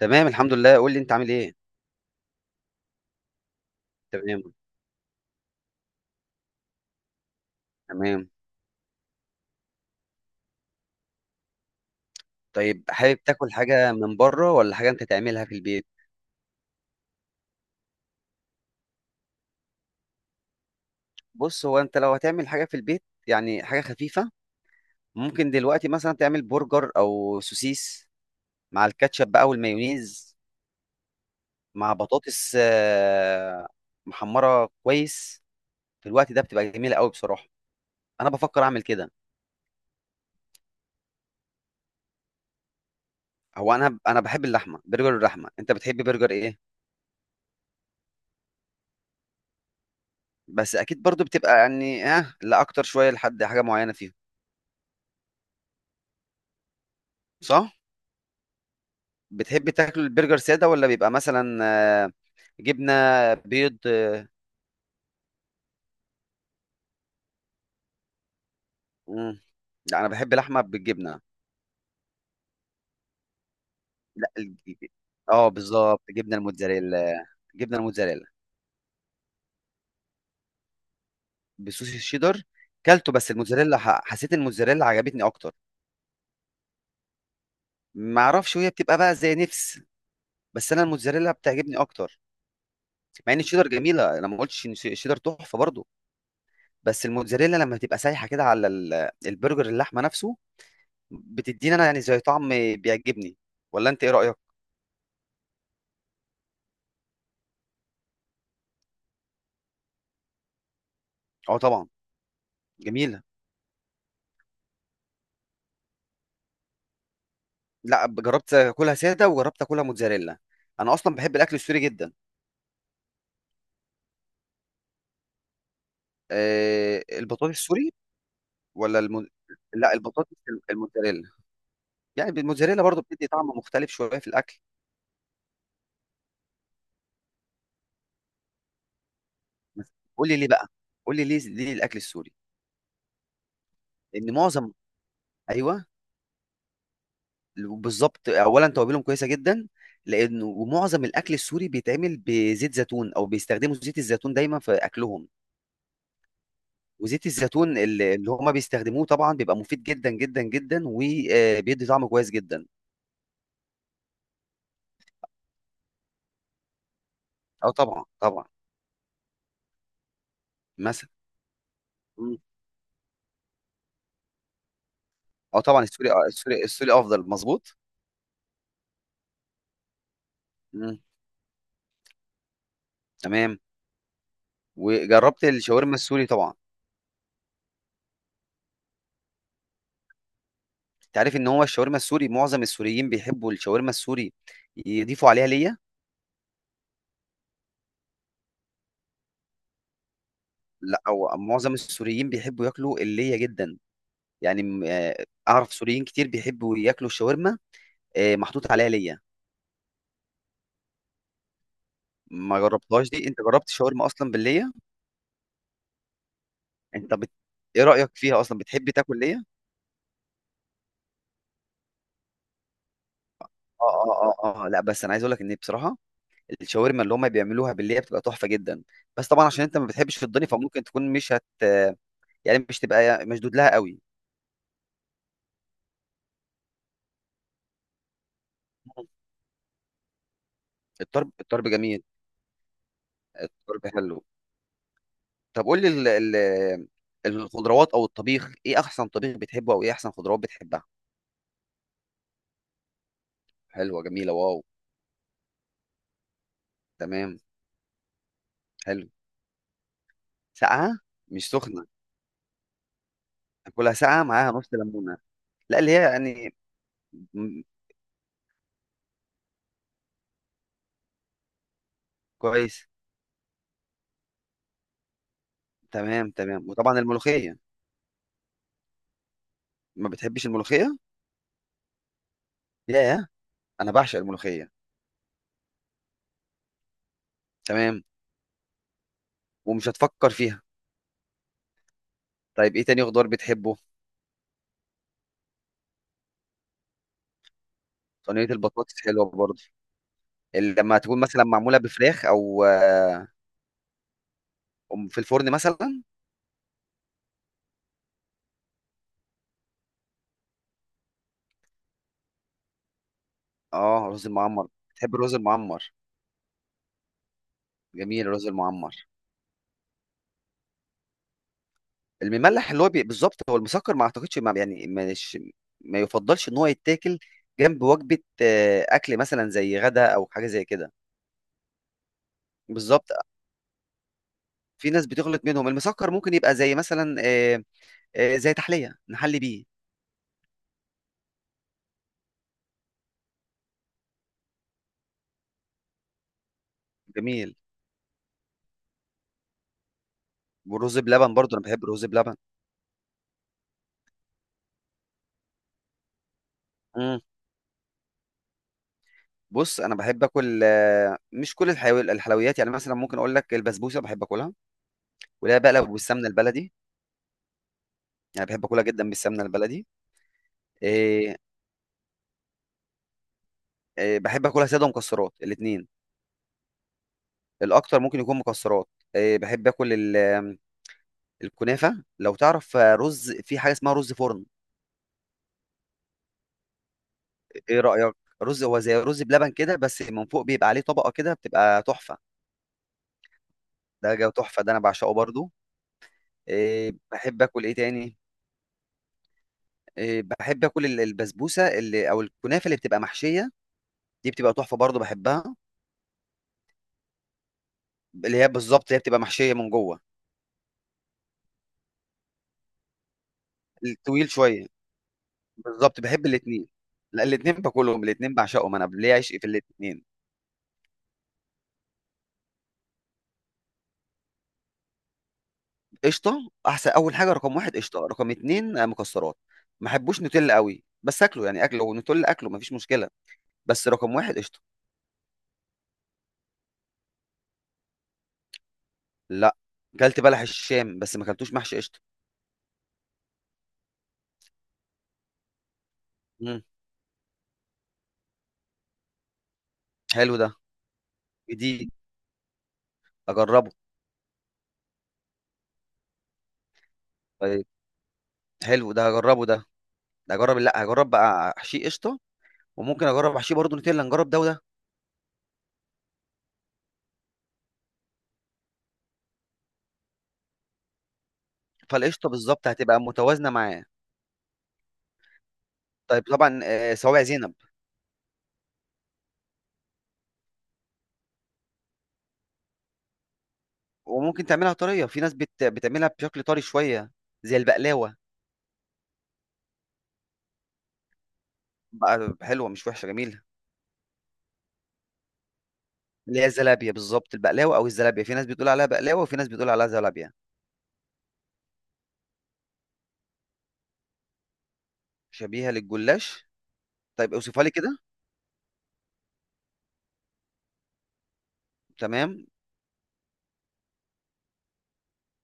تمام، الحمد لله. قول لي انت عامل ايه؟ تمام، تمام. طيب، حابب تاكل حاجه من بره ولا حاجه انت تعملها في البيت؟ بص، هو انت لو هتعمل حاجه في البيت يعني حاجه خفيفه. ممكن دلوقتي مثلا تعمل برجر او سوسيس مع الكاتشب بقى والمايونيز، مع بطاطس محمره كويس. في الوقت ده بتبقى جميله قوي بصراحه. انا بفكر اعمل كده. هو انا بحب اللحمه، برجر اللحمه. انت بتحب برجر ايه؟ بس اكيد برضو بتبقى يعني لا اكتر شويه لحد حاجه معينه فيهم. صح. بتحب تاكل البرجر ساده ولا بيبقى مثلا آه، جبنه، بيض؟ مم. لا، انا بحب لحمه بالجبنه. لا، بالظبط جبنه الموتزاريلا، جبنه الموتزاريلا. بصوص الشيدر. كلته، بس الموتزاريلا حسيت الموتزاريلا عجبتني اكتر. ما اعرفش، وهي بتبقى بقى زي نفس. بس انا الموتزاريلا بتعجبني اكتر. مع ان الشيدر جميله، انا ما قلتش ان الشيدر تحفه برضه. بس الموتزاريلا لما بتبقى سايحه كده على البرجر، اللحمه نفسه بتدينا انا يعني زي طعم بيعجبني. ولا انت ايه رايك؟ اه، طبعا. جميله. لا، جربت اكلها ساده وجربت اكلها موتزاريلا. انا اصلا بحب الاكل السوري جدا. أه، البطاطس السوري. ولا الم... لا، البطاطس، الموتزاريلا. يعني الموتزاريلا برضو بتدي طعم مختلف شويه في الاكل. بس قول لي ليه بقى. قول لي ليه الاكل السوري؟ لان معظم... ايوه. بالظبط، اولا توابلهم كويسه جدا. لانه ومعظم الاكل السوري بيتعمل بزيت زيتون، او بيستخدموا زيت الزيتون دايما في اكلهم. وزيت الزيتون اللي هما بيستخدموه طبعا بيبقى مفيد جدا جدا جدا، وبيدي طعم كويس جدا. اه، طبعا طبعا. مثلا. مم. اه، طبعا السوري، السوري، السوري افضل مظبوط. مم. تمام. وجربت الشاورما السوري طبعا. انت عارف ان هو الشاورما السوري، معظم السوريين بيحبوا الشاورما السوري يضيفوا عليها ليا. لا، او معظم السوريين بيحبوا ياكلوا اللية جدا. يعني اعرف سوريين كتير بيحبوا ياكلوا الشاورما، محطوط عليها ليا. ما جربتهاش دي؟ انت جربت شاورما اصلا باللية؟ انت بت... ايه رايك فيها اصلا؟ بتحب تاكل ليه؟ اه، اه، اه، اه، لا، بس انا عايز اقول لك ان بصراحه الشاورما اللي هم بيعملوها بالليه بتبقى تحفه جدا. بس طبعا عشان انت ما بتحبش في الضاني، فممكن تكون مش هت يعني مش تبقى مشدود لها قوي. الطرب، الطرب جميل. الطرب حلو. طب قول لي الخضروات او الطبيخ، ايه احسن طبيخ بتحبه او ايه احسن خضروات بتحبها؟ حلوه، جميله، واو. تمام. حلو. ساقعه، مش سخنه. اكلها ساقعه معاها نص ليمونه. لا، اللي هي يعني م- كويس. تمام، تمام. وطبعا الملوخية. ما بتحبش الملوخية؟ ياه، انا بعشق الملوخية. تمام. ومش هتفكر فيها. طيب ايه تاني خضار بتحبه؟ صينية البطاطس حلوة برضه. لما تكون مثلا معمولة بفراخ او في الفرن مثلا. اه، رز المعمر، بتحب الرز المعمر؟ جميل الرز المعمر. المملح اللي هو بالظبط هو المسكر، ما اعتقدش، ما يعني، مش ما يفضلش ان هو يتاكل جنب وجبة، اكل مثلا زي غدا او حاجة زي كده. بالظبط. في ناس بتغلط منهم، المسكر ممكن يبقى زي مثلا زي تحلية نحلي بيه. جميل. والرز بلبن برضو، انا بحب الرز بلبن. مم. بص، انا بحب اكل مش كل الحلويات، يعني مثلا ممكن اقول لك البسبوسه بحب اكلها. ولا بقى لو بالسمنه البلدي، يعني بحب اكلها جدا بالسمنه البلدي. آه، بحب اكلها ساده ومكسرات، الاثنين. الاكتر ممكن يكون مكسرات. بحب اكل ال- آم، الكنافه. لو تعرف رز، في حاجه اسمها رز فرن. ايه رأيك؟ رز، هو زي رز بلبن كده، بس من فوق بيبقى عليه طبقة كده، بتبقى تحفة. ده جو تحفة، ده انا بعشقه برضو. إيه، بحب اكل ايه تاني؟ إيه، بحب اكل البسبوسة اللي، او الكنافة اللي بتبقى محشية، دي بتبقى تحفة برضو، بحبها. اللي هي بالظبط، هي بتبقى محشية من جوه. الطويل شوية. بالظبط، بحب الاتنين. لا، الاتنين باكلهم، الاتنين بعشقهم، انا ليا عشق في الاتنين. قشطة احسن اول حاجة. رقم 1 قشطة، رقم 2 مكسرات. ما احبوش نوتيلا قوي، بس اكله يعني، اكله نوتيلا اكله مفيش مشكلة. بس رقم 1 قشطة. لا. كلت بلح الشام بس ما كلتوش محشي قشطه. امم. حلو ده، جديد، اجربه. طيب. حلو ده، هجربه ده. ده اجرب، لا هجرب بقى حشي قشطه، وممكن اجرب حشي برضه نوتيلا، نجرب ده وده. فالقشطه بالظبط هتبقى متوازنه معاه. طيب، طبعا صوابع زينب. وممكن تعملها طريه، في ناس بتعملها بشكل طري شويه، زي البقلاوه. بقى حلوه، مش وحشه، جميله. اللي هي الزلابيه بالظبط، البقلاوه او الزلابيه، في ناس بتقول عليها بقلاوه وفي ناس بتقول عليها زلابيه. شبيهه للجلاش. طيب اوصفها لي كده. تمام.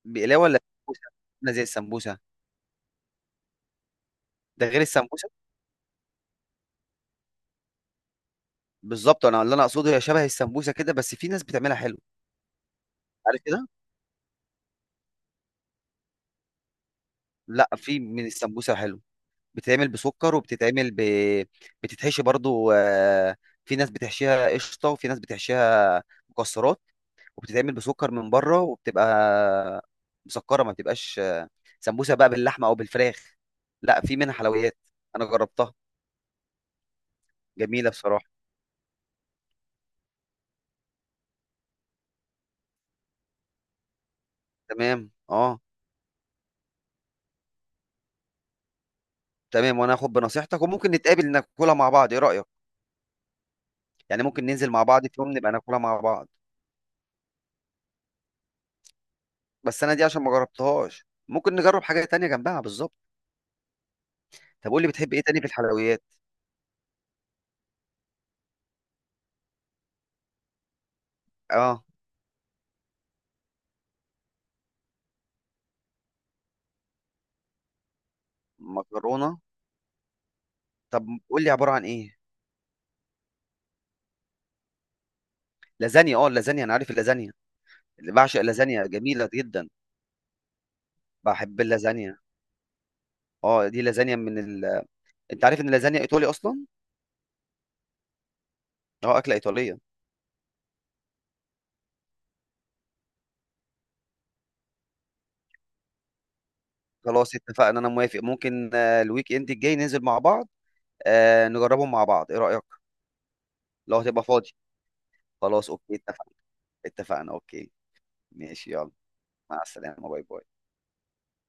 بقلاوه ولا سمبوسه؟ عامله زي السمبوسه؟ ده غير السمبوسه؟ بالظبط، انا اللي انا اقصده هي شبه السمبوسه كده، بس في ناس بتعملها حلو. عارف كده. لا، في من السمبوسه حلو. بتتعمل بسكر، وبتتعمل بتتحشي برضو، في ناس بتحشيها قشطه وفي ناس بتحشيها مكسرات، وبتتعمل بسكر من بره وبتبقى مسكره، ما بتبقاش سمبوسه بقى باللحمه او بالفراخ. لا، في منها حلويات. انا جربتها، جميله بصراحه. تمام، اه. تمام، وانا هاخد بنصيحتك، وممكن نتقابل ناكلها مع بعض، ايه رأيك؟ يعني ممكن ننزل مع بعض في يوم نبقى ناكلها مع بعض. بس انا دي عشان ما جربتهاش، ممكن نجرب حاجة تانية جنبها بالظبط. طب قول لي بتحب ايه تاني في الحلويات؟ اه. مكرونة. طب قول لي عبارة عن ايه؟ لازانيا؟ اه، اللازانيا، انا عارف اللازانيا. اللي بعشق، اللازانيا جميلة جدا. بحب اللازانيا. اه، دي لازانيا من انت عارف ان اللازانيا ايطالي اصلا. اه، اكلة ايطالية. خلاص اتفقنا، انا موافق، ممكن الويك اند الجاي ننزل مع بعض، نجربهم مع بعض، ايه رأيك؟ لو هتبقى فاضي. خلاص، اوكي، اتفقنا. اتفقنا، اوكي. ماشي، يلا. مع السلامة، باي باي.